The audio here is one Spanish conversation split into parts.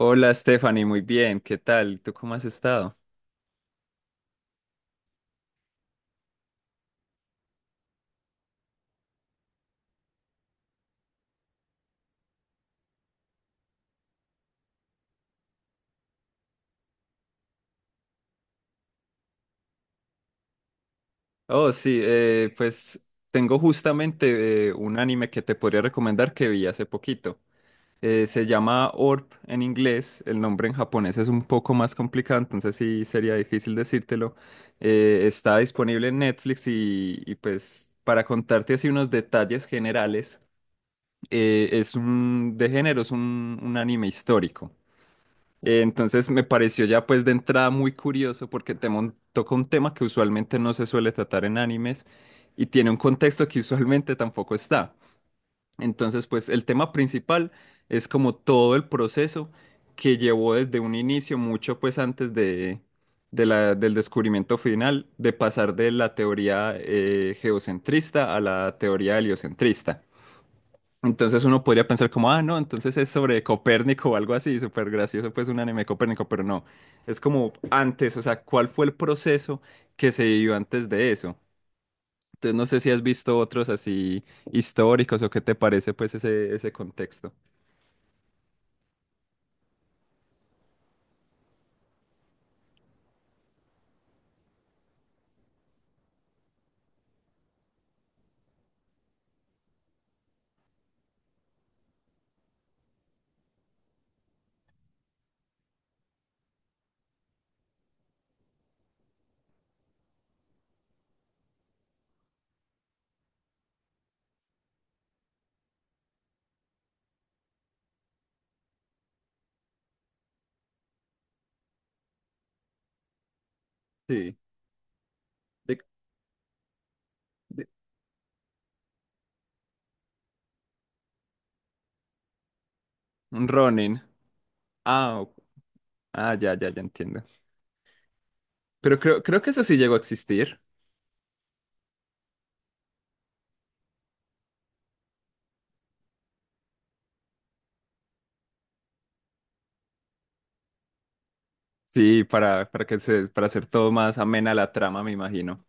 Hola Stephanie, muy bien, ¿qué tal? ¿Tú cómo has estado? Oh, sí, pues tengo justamente un anime que te podría recomendar que vi hace poquito. Se llama Orb en inglés, el nombre en japonés es un poco más complicado, entonces sí sería difícil decírtelo. Está disponible en Netflix y pues para contarte así unos detalles generales, es un de género, es un anime histórico. Entonces me pareció ya pues de entrada muy curioso porque toca un tema que usualmente no se suele tratar en animes y tiene un contexto que usualmente tampoco está. Entonces pues el tema principal es como todo el proceso que llevó desde un inicio, mucho pues antes de la, del descubrimiento final, de pasar de la teoría geocentrista a la teoría heliocentrista. Entonces uno podría pensar como, ah, no, entonces es sobre Copérnico o algo así, súper gracioso, pues un anime de Copérnico, pero no, es como antes, o sea, ¿cuál fue el proceso que se vivió antes de eso? Entonces no sé si has visto otros así históricos o qué te parece pues ese contexto. Sí, de, de, un Ronin. Ah, o- ah, ya, ya, ya entiendo. Pero creo que eso sí llegó a existir. Sí, para que se, para hacer todo más amena la trama, me imagino.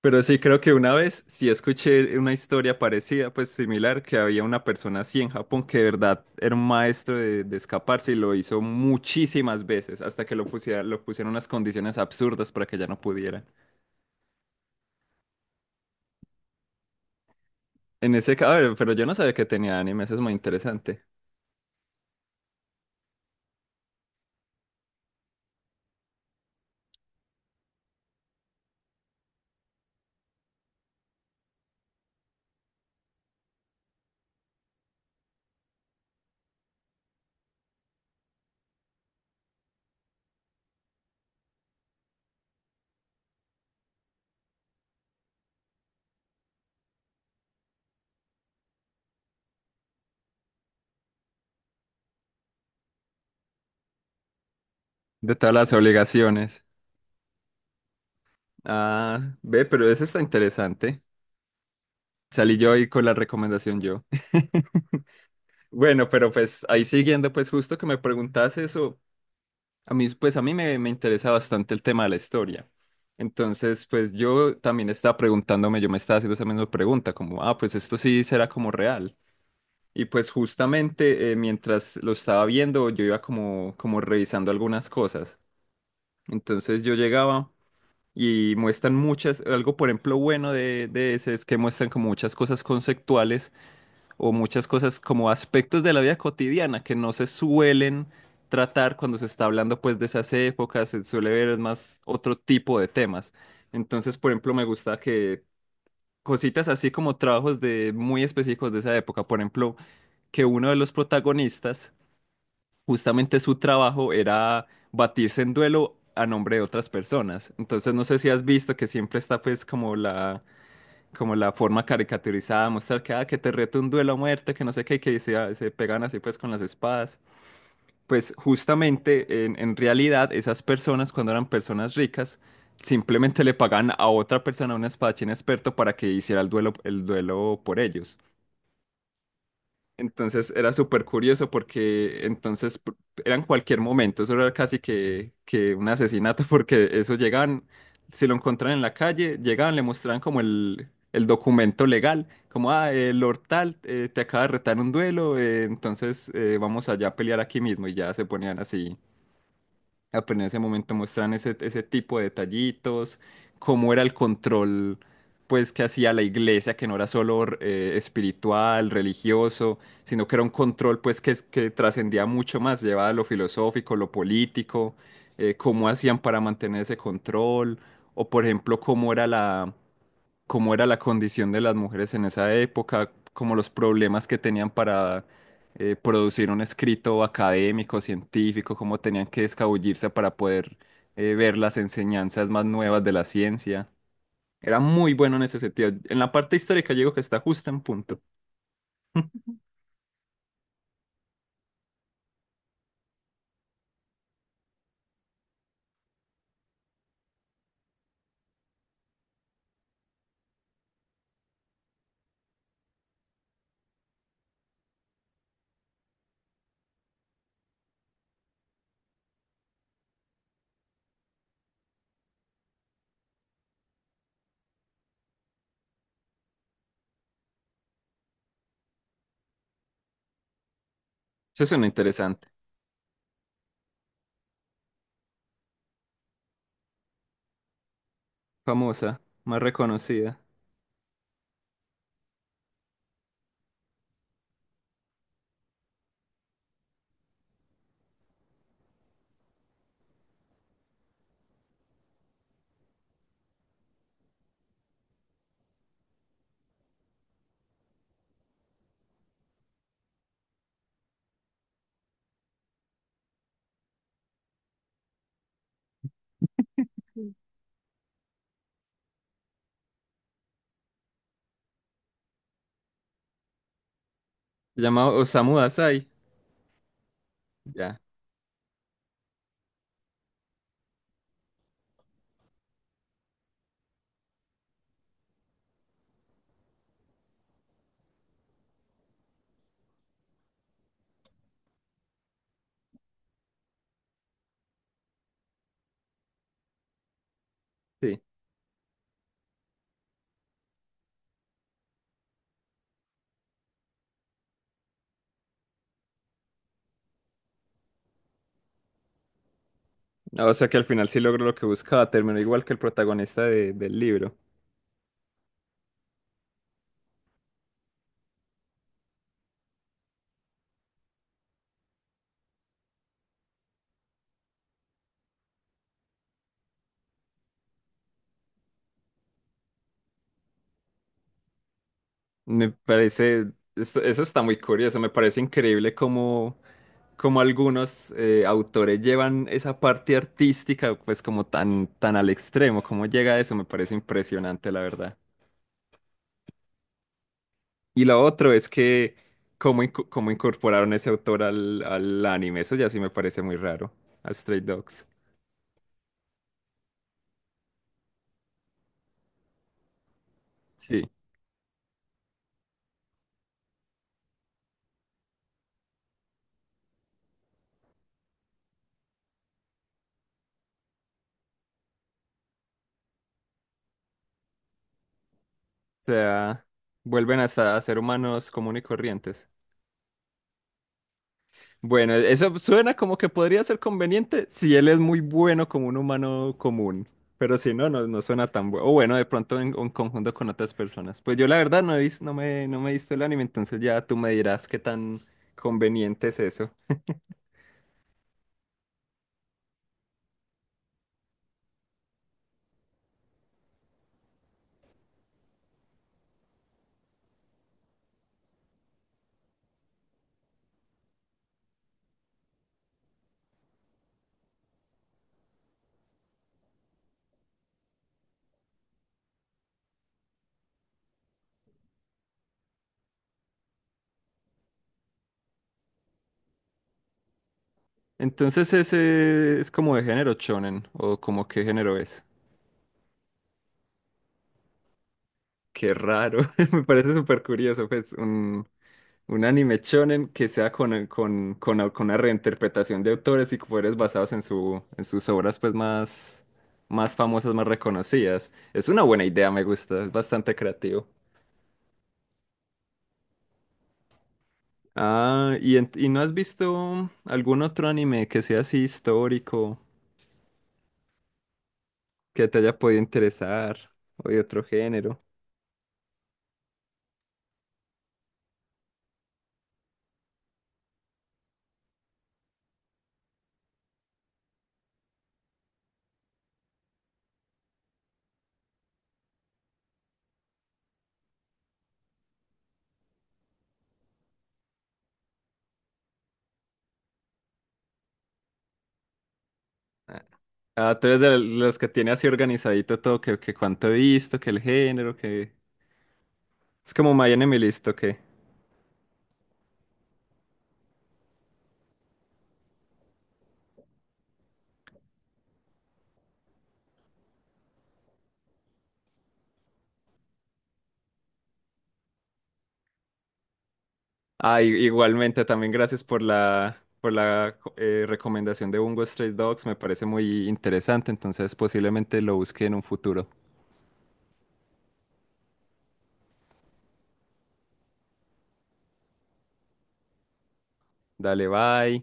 Pero sí, creo que una vez sí escuché una historia parecida, pues similar, que había una persona así en Japón que de verdad era un maestro de escaparse y lo hizo muchísimas veces hasta que lo pusiera, lo pusieron unas condiciones absurdas para que ya no pudiera. En ese caso, pero yo no sabía que tenía anime, eso es muy interesante. De todas las obligaciones. Ah, ve, pero eso está interesante. Salí yo ahí con la recomendación yo. Bueno, pero pues ahí siguiendo, pues justo que me preguntas eso, a mí, pues a mí me interesa bastante el tema de la historia. Entonces, pues yo también estaba preguntándome, yo me estaba haciendo esa misma pregunta, como, ah, pues esto sí será como real. Y pues justamente mientras lo estaba viendo, yo iba como revisando algunas cosas. Entonces yo llegaba y muestran muchas, algo por ejemplo bueno de ese es que muestran como muchas cosas conceptuales o muchas cosas como aspectos de la vida cotidiana que no se suelen tratar cuando se está hablando pues de esas épocas, se suele ver más otro tipo de temas. Entonces, por ejemplo, me gusta que cositas así como trabajos de muy específicos de esa época, por ejemplo, que uno de los protagonistas, justamente su trabajo era batirse en duelo a nombre de otras personas. Entonces, no sé si has visto que siempre está pues como la forma caricaturizada, mostrar que, ah, que te reto un duelo a muerte, que no sé qué, y que se pegan así pues con las espadas. Pues justamente en realidad esas personas cuando eran personas ricas simplemente le pagan a otra persona, a un espadachín experto, para que hiciera el duelo por ellos. Entonces era súper curioso porque entonces eran cualquier momento, eso era casi que un asesinato porque eso llegaban, si lo encontraban en la calle, llegaban, le mostraban como el documento legal, como, ah, el Lord tal, te acaba de retar un duelo, entonces vamos allá a pelear aquí mismo y ya se ponían así. Ah, pero en ese momento muestran ese tipo de detallitos, cómo era el control, pues, que hacía la iglesia, que no era solo espiritual, religioso, sino que era un control, pues, que trascendía mucho más, llevaba a lo filosófico, lo político, cómo hacían para mantener ese control, o por ejemplo, cómo era la condición de las mujeres en esa época, como los problemas que tenían para producir un escrito académico, científico, cómo tenían que escabullirse para poder ver las enseñanzas más nuevas de la ciencia. Era muy bueno en ese sentido. En la parte histórica yo digo que está justo en punto. Eso suena interesante. Famosa, más reconocida. Se llama Osamu Dazai. Ya, sí. Ah, o sea que al final sí logró lo que buscaba. Terminó igual que el protagonista del libro. Me parece, eso está muy curioso, me parece increíble cómo, cómo algunos autores llevan esa parte artística pues como tan al extremo, cómo llega eso, me parece impresionante la verdad. Y lo otro es que cómo, cómo incorporaron ese autor al anime, eso ya sí me parece muy raro, a Stray Dogs. Sí, o sea, vuelven hasta a ser humanos común y corrientes. Bueno, eso suena como que podría ser conveniente si él es muy bueno como un humano común, pero si no, no suena tan bueno. O bueno, de pronto en conjunto con otras personas. Pues yo la verdad no he visto, no me he visto el anime, entonces ya tú me dirás qué tan conveniente es eso. Entonces ese es como de género shonen, o como qué género es. Qué raro, me parece súper curioso, pues un anime shonen que sea con, con una reinterpretación de autores y que fueres basados en su, en sus obras pues más, más famosas, más reconocidas. Es una buena idea, me gusta, es bastante creativo. Ah, ¿y, y no has visto algún otro anime que sea así histórico, que te haya podido interesar, o de otro género? Ah, ah, tú eres de los que tiene así organizadito todo, que cuánto he visto, que el género, que... Es como My Anime List, ¿o qué? Ah, igualmente, también gracias por la recomendación de Bungo Stray Dogs, me parece muy interesante, entonces posiblemente lo busque en un futuro. Dale, bye.